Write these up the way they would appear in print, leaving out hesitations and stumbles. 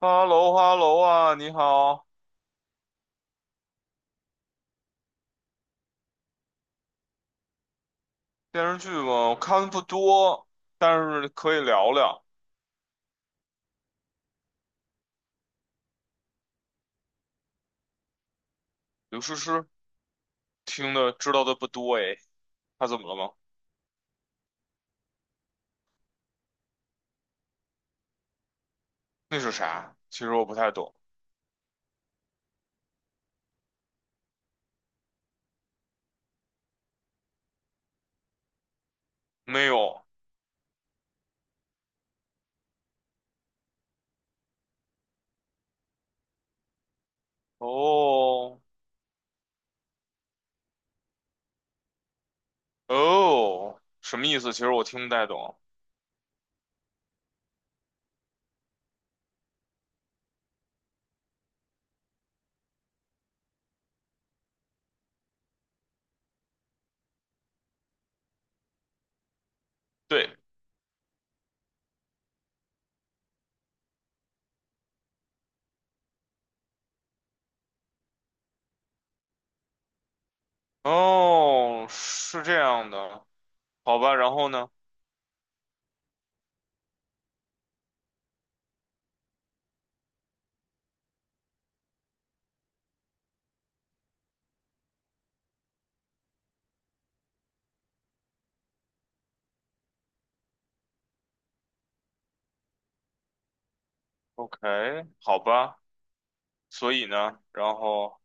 Hello，Hello 啊，你好，电视剧嘛，我看的不多，但是可以聊聊。刘诗诗听的知道的不多诶，她怎么了吗？那是啥？其实我不太懂。没有。哦哦，什么意思？其实我听不太懂。对，哦，是这样的，好吧。然后呢？OK，好吧。所以呢？然后。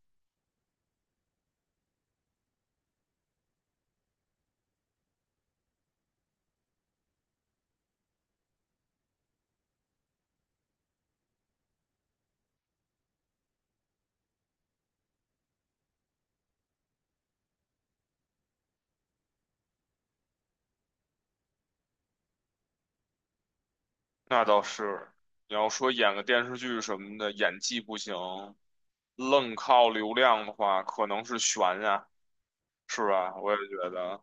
那倒是，你要说演个电视剧什么的，演技不行，愣靠流量的话，可能是悬呀，是吧？我也觉得，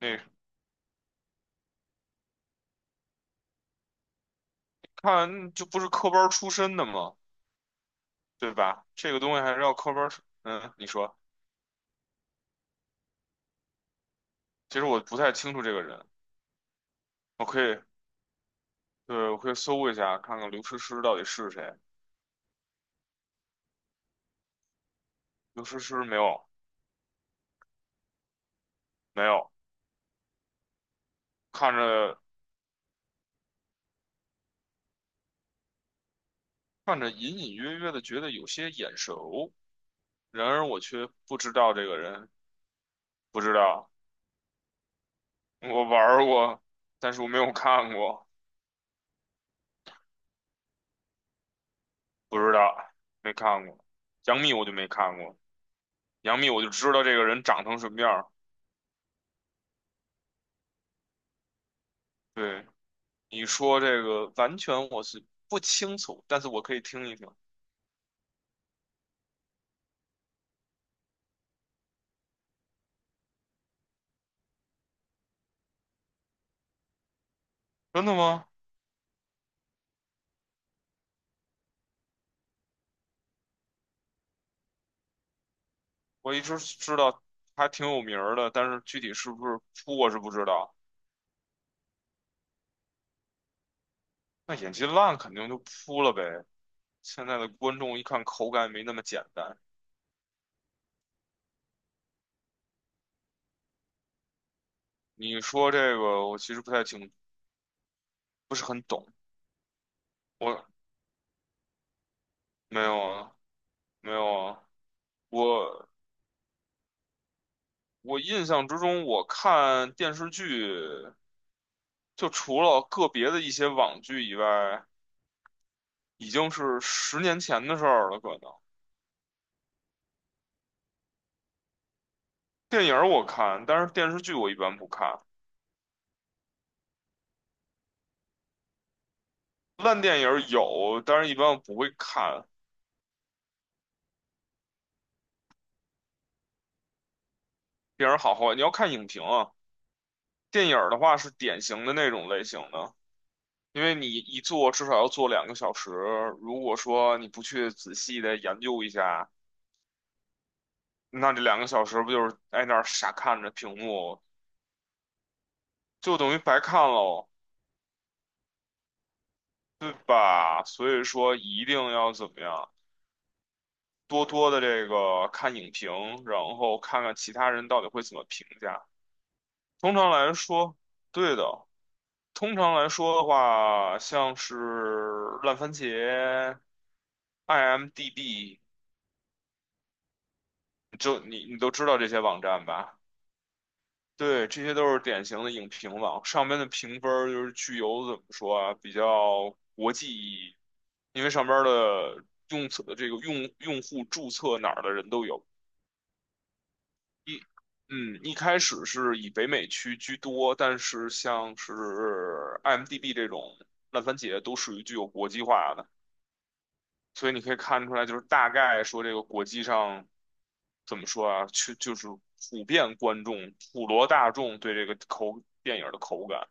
那看就不是科班儿出身的嘛，对吧？这个东西还是要科班儿出你说，其实我不太清楚这个人，我可以，对，我可以搜一下，看看刘诗诗到底是谁。刘诗诗没有，没有，看着看着隐隐约约的觉得有些眼熟，然而我却不知道这个人，不知道。我玩儿过，但是我没有看过，不知道，没看过。杨幂我就没看过，杨幂我就知道这个人长成什么样儿。对，你说这个完全我是不清楚，但是我可以听一听。真的吗？我一直知道她挺有名儿的，但是具体是不是扑我是不知道。那演技烂肯定就扑了呗。现在的观众一看口感没那么简单。你说这个我其实不太清，不是很懂。我没有啊，没有啊。我我印象之中，我看电视剧，就除了个别的一些网剧以外，已经是10年前的事儿了。可能电影儿我看，但是电视剧我一般不看。烂电影儿有，但是一般我不会看。电影儿好坏，你要看影评啊。电影儿的话是典型的那种类型的，因为你一坐至少要坐两个小时。如果说你不去仔细的研究一下，那这两个小时不就是在那儿傻看着屏幕，就等于白看喽。对吧？所以说一定要怎么样，多多的这个看影评，然后看看其他人到底会怎么评价。通常来说，对的。通常来说的话，像是烂番茄、IMDB，就你都知道这些网站吧？对，这些都是典型的影评网，上面的评分儿就是具有怎么说啊，比较国际意义，因为上边儿的用册这个用用户注册哪儿的人都有。一，一开始是以北美区居多，但是像是 IMDB 这种烂番茄都属于具有国际化的，所以你可以看出来，就是大概说这个国际上怎么说啊，去就是普遍观众、普罗大众对这个电影的口感，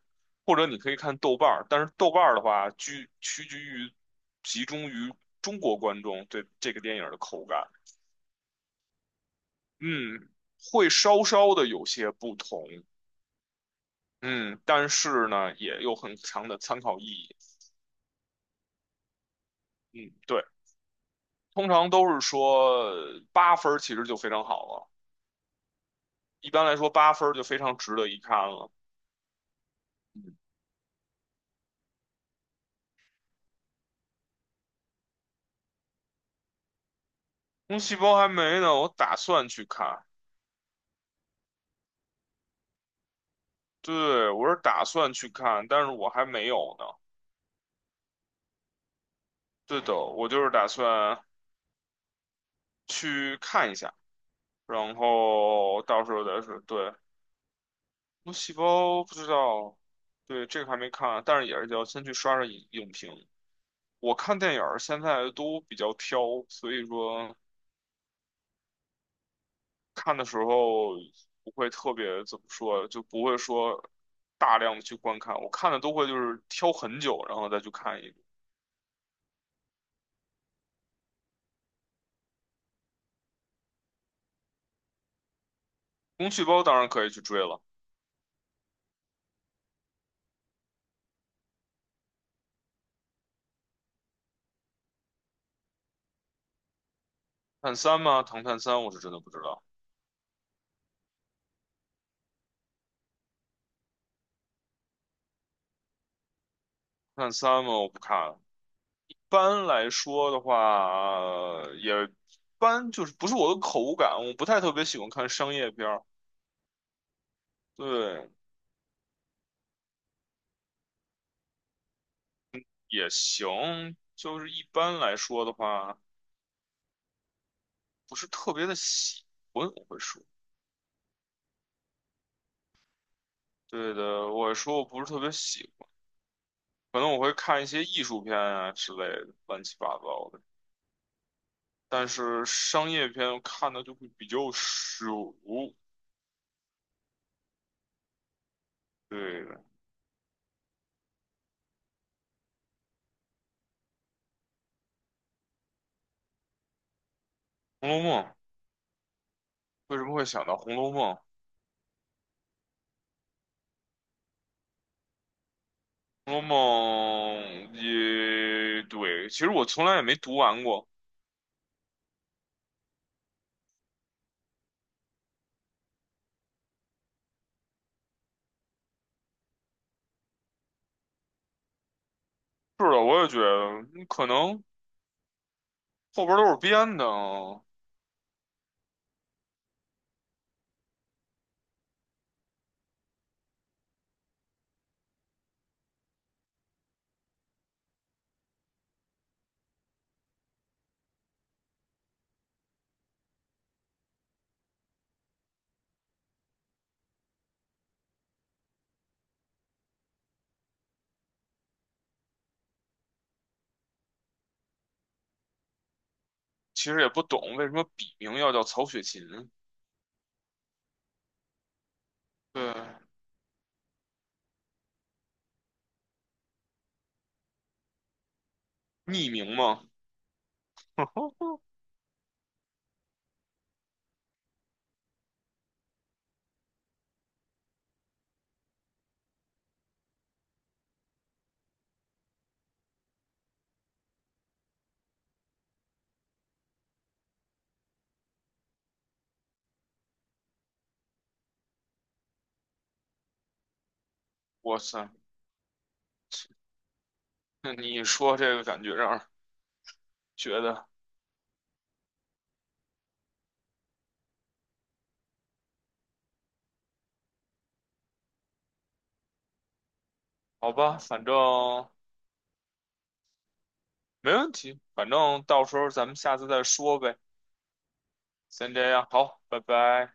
或者你可以看豆瓣儿，但是豆瓣儿的话，居屈居于集中于中国观众对这个电影的口感，嗯，会稍稍的有些不同。嗯，但是呢，也有很强的参考意义。嗯，对，通常都是说八分儿其实就非常好了，一般来说八分儿就非常值得一看了。嗯，红细胞还没呢，我打算去看。对，我是打算去看，但是我还没有呢。对的，我就是打算去看一下，然后到时候再说。对，红细胞不知道，对，这个还没看啊，但是也是要先去刷刷影评。我看电影儿现在都比较挑，所以说看的时候不会特别怎么说，就不会说大量的去观看。我看的都会就是挑很久，然后再去看一部。工具包当然可以去追了，探三吗？唐探三我是真的不知道，探三吗？我不看。一般来说的话，也一般就是不是我的口感，我不太特别喜欢看商业片儿。对，也行，就是一般来说的话。不是特别的喜欢，我会说，对的，我说我不是特别喜欢，可能我会看一些艺术片啊之类的，乱七八糟的。但是商业片我看的就会比较少。对的红楼梦》为什么会想到《红楼梦》？《红楼梦》也对，其实我从来也没读完过。是的，我也觉得可能后边都是编的啊，其实也不懂为什么笔名要叫曹雪芹，对，匿名嘛。哇塞，那你一说这个感觉让人觉得好吧，反正没问题，反正到时候咱们下次再说呗。先这样，好，拜拜。